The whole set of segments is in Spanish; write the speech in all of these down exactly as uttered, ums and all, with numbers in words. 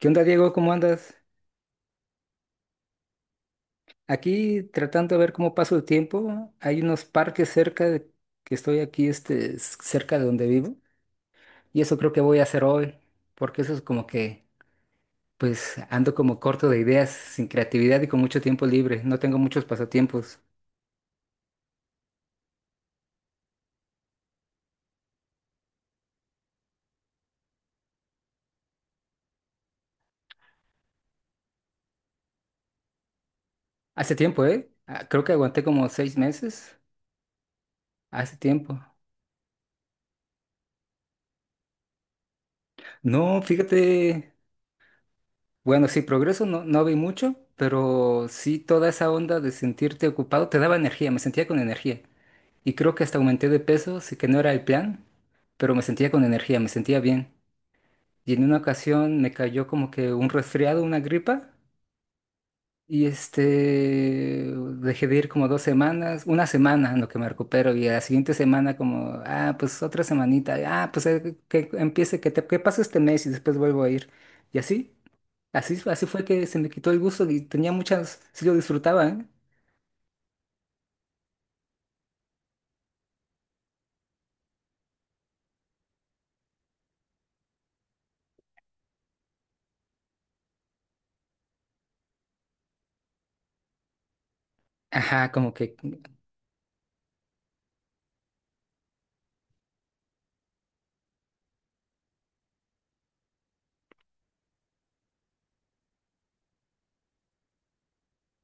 ¿Qué onda, Diego? ¿Cómo andas? Aquí tratando de ver cómo paso el tiempo. Hay unos parques cerca de que estoy aquí, este, s- cerca de donde vivo. Y eso creo que voy a hacer hoy, porque eso es como que, pues, ando como corto de ideas, sin creatividad y con mucho tiempo libre. No tengo muchos pasatiempos. Hace tiempo, ¿eh? Ah, Creo que aguanté como seis meses. Hace tiempo. No, fíjate. Bueno, sí, progreso no, no vi mucho, pero sí toda esa onda de sentirte ocupado te daba energía, me sentía con energía. Y creo que hasta aumenté de peso, sí que no era el plan, pero me sentía con energía, me sentía bien. Y en una ocasión me cayó como que un resfriado, una gripa, y este, dejé de ir como dos semanas, una semana en lo que me recupero, y a la siguiente semana como, ah, pues otra semanita, ah, pues eh, que empiece, que, te, que pase este mes y después vuelvo a ir. Y así, así, así fue que se me quitó el gusto y tenía muchas, sí lo disfrutaba, ¿eh? Ajá, como que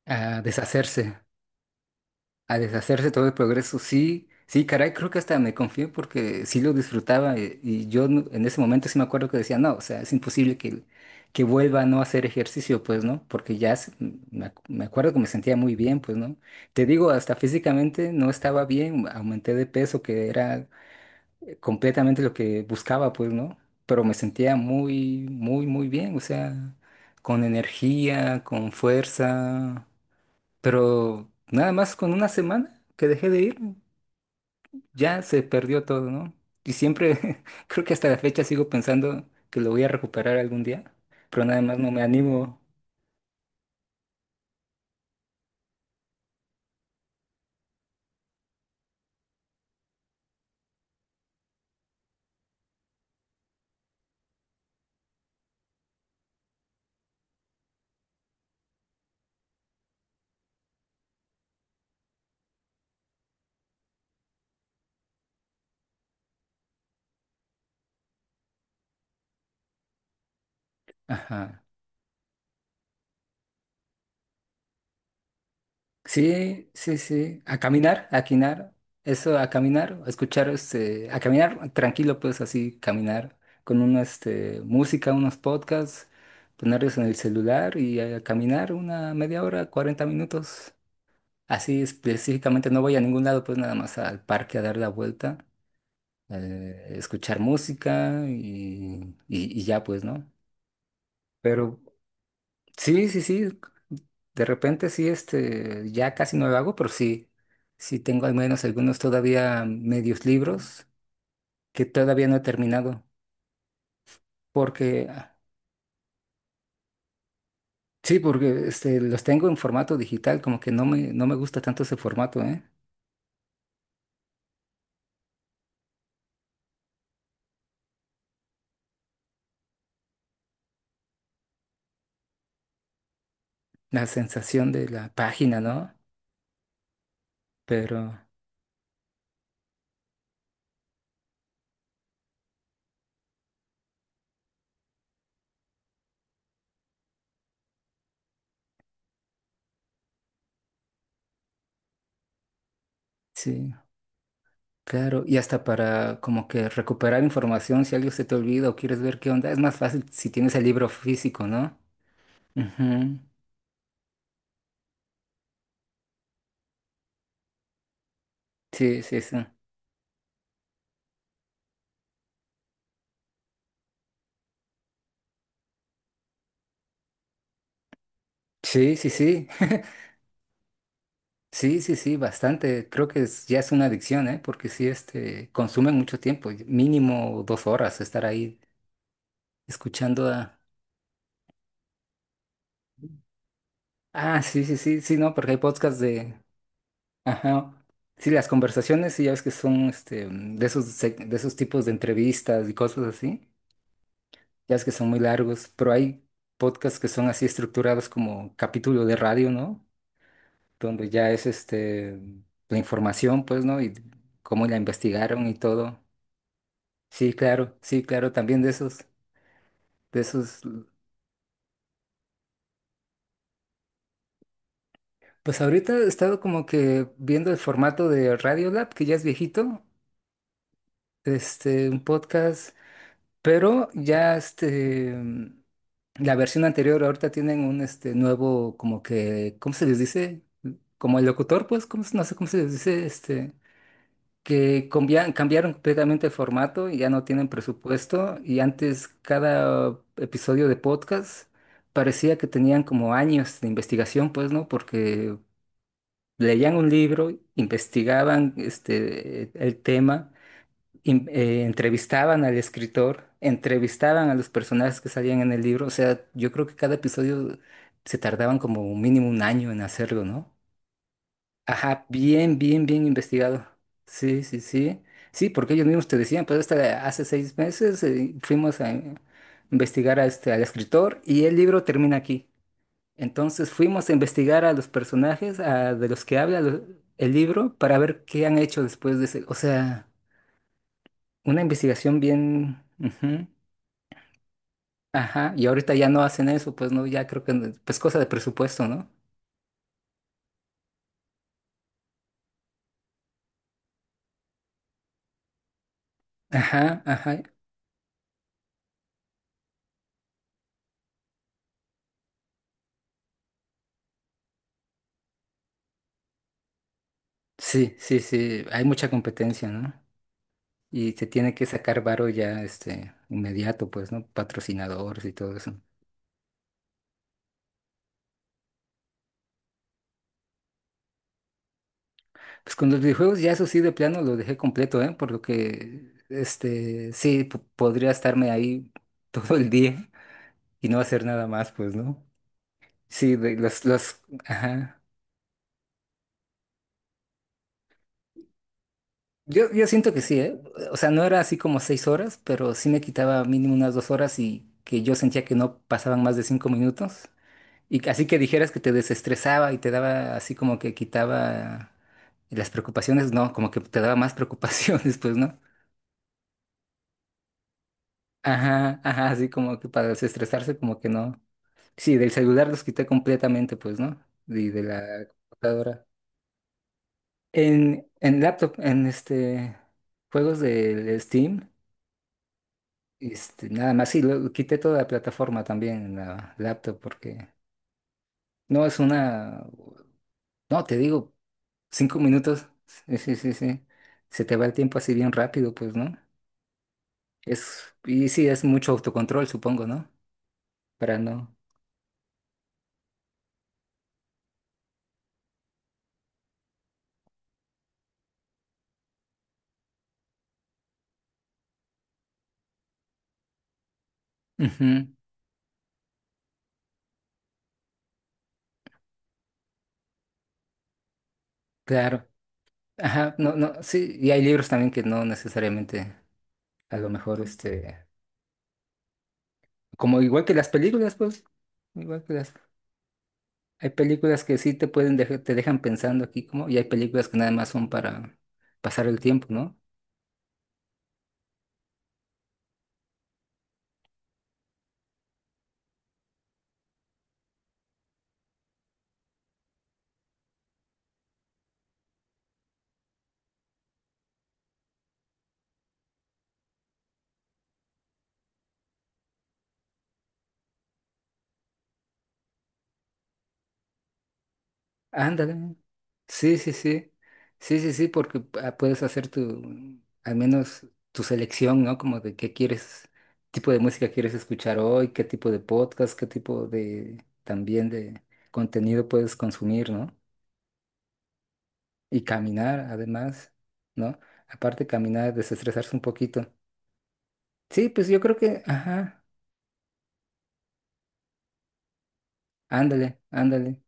ah, deshacerse. A deshacerse todo el progreso, sí, sí, caray, creo que hasta me confié porque sí lo disfrutaba eh, y yo no- en ese momento sí me acuerdo que decía, no, o sea, es imposible que, que vuelva a no hacer ejercicio, pues, ¿no? Porque ya se- me, ac- me acuerdo que me sentía muy bien, pues, ¿no? Te digo, hasta físicamente no estaba bien, aumenté de peso, que era eh, completamente lo que buscaba, pues, ¿no? Pero me sentía muy, muy, muy bien, o sea, con energía, con fuerza. Pero nada más con una semana que dejé de ir, ya se perdió todo, ¿no? Y siempre, creo que hasta la fecha sigo pensando que lo voy a recuperar algún día, pero nada más no me animo. Ajá. Sí, sí, sí. A caminar, a quinar, eso, a caminar, a escuchar, este, a caminar tranquilo, pues así, caminar con una, este, música, unos podcasts, ponerlos en el celular y a caminar una media hora, cuarenta minutos. Así específicamente no voy a ningún lado, pues nada más al parque a dar la vuelta, eh, escuchar música y, y- y ya pues, ¿no? Pero sí, sí, sí, de repente sí, este, ya casi no lo hago, pero sí, sí tengo al menos algunos todavía medios libros que todavía no he terminado, porque, sí, porque este, los tengo en formato digital, como que no me, no me gusta tanto ese formato, ¿eh? La sensación de la página, ¿no? Pero sí. Claro, y hasta para como que recuperar información si algo se te olvida o quieres ver qué onda, es más fácil si tienes el libro físico, ¿no? Ujú. Sí, sí, sí. Sí, sí, sí. Sí, sí, sí, bastante. Creo que es- ya es una adicción, ¿eh? Porque sí, este, consume mucho tiempo, mínimo dos horas estar ahí escuchando a. Ah, sí, sí, sí, sí, no, porque hay podcasts de. Ajá. Sí, las conversaciones, sí, ya ves que son, este, de esos, seg- de esos tipos de entrevistas y cosas así. Ya es que son muy largos, pero hay podcasts que son así estructurados como capítulo de radio, ¿no? Donde ya es este la información, pues, ¿no? Y cómo la investigaron y todo. Sí, claro, sí, claro, también de esos, de esos. Pues ahorita he estado como que viendo el formato de Radiolab, que ya es viejito, este, un podcast. Pero ya este, la versión anterior ahorita tienen un este nuevo, como que, ¿cómo se les dice? Como el locutor, pues, ¿cómo se- no sé cómo se les dice, este, que combia- cambiaron completamente el formato y ya no tienen presupuesto. Y antes cada episodio de podcast parecía que tenían como años de investigación, pues, ¿no? Porque leían un libro, investigaban este, el tema in- eh, entrevistaban al escritor, entrevistaban a los personajes que salían en el libro. O sea, yo creo que cada episodio se tardaban como mínimo un año en hacerlo, ¿no? Ajá, bien, bien, bien investigado. Sí, sí, sí. Sí, porque ellos mismos te decían, pues hasta hace seis meses eh, fuimos a investigar a este, al escritor y el libro termina aquí. Entonces fuimos a investigar a los personajes a- de los que habla lo- el libro para ver qué han hecho después de ese. O sea. Una investigación bien. Ujú. Ajá, y ahorita ya no hacen eso, pues no, ya creo que, no- pues cosa de presupuesto, ¿no? Ajá, ajá. Sí, sí, sí, hay mucha competencia, ¿no? Y se tiene que sacar varo ya, este, inmediato, pues, ¿no? Patrocinadores y todo eso. Pues con los videojuegos ya eso sí de plano lo dejé completo, ¿eh? Por lo que, este, sí, po- podría estarme ahí todo el día y no hacer nada más, pues, ¿no? Sí, de los, los, ajá. Yo, yo siento que sí, ¿eh? O sea, no era así como seis horas, pero sí me quitaba mínimo unas dos horas y que yo sentía que no pasaban más de cinco minutos. Y que- así que dijeras que te desestresaba y te daba así como que quitaba las preocupaciones, no, como que te daba más preocupaciones, pues, ¿no? Ajá, ajá, así como que para desestresarse, como que no. Sí, del celular los quité completamente, pues, ¿no? Y de la computadora. En, en laptop, en este, juegos del Steam. Este, nada más, sí, lo- quité toda la plataforma también en la laptop porque no es una, no, te digo, cinco minutos, sí, sí, sí, sí, se te va el tiempo así bien rápido, pues, ¿no? Es, y sí, es mucho autocontrol, supongo, ¿no? Para no, Ujú, claro, ajá, no, no, sí, y hay libros también que no necesariamente, a lo mejor, este, como igual que las películas, pues, igual que las Hay películas que sí te pueden dejar, te dejan pensando aquí como, y hay películas que nada más son para pasar el tiempo, ¿no? Ándale. Sí, sí, sí. Sí, sí, sí, porque ah, puedes hacer tu, al menos tu selección, ¿no? Como de qué quieres, tipo de música quieres escuchar hoy, qué tipo de podcast, qué tipo de, también de contenido puedes consumir, ¿no? Y caminar, además, ¿no? Aparte, caminar, desestresarse un poquito. Sí, pues yo creo que, ajá, ándale, ándale.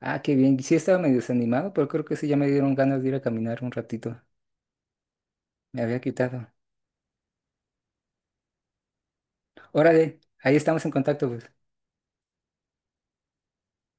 Ah, qué bien. Sí estaba medio desanimado, pero creo que sí ya me dieron ganas de ir a caminar un ratito. Me había quitado. Órale, ahí estamos en contacto, pues.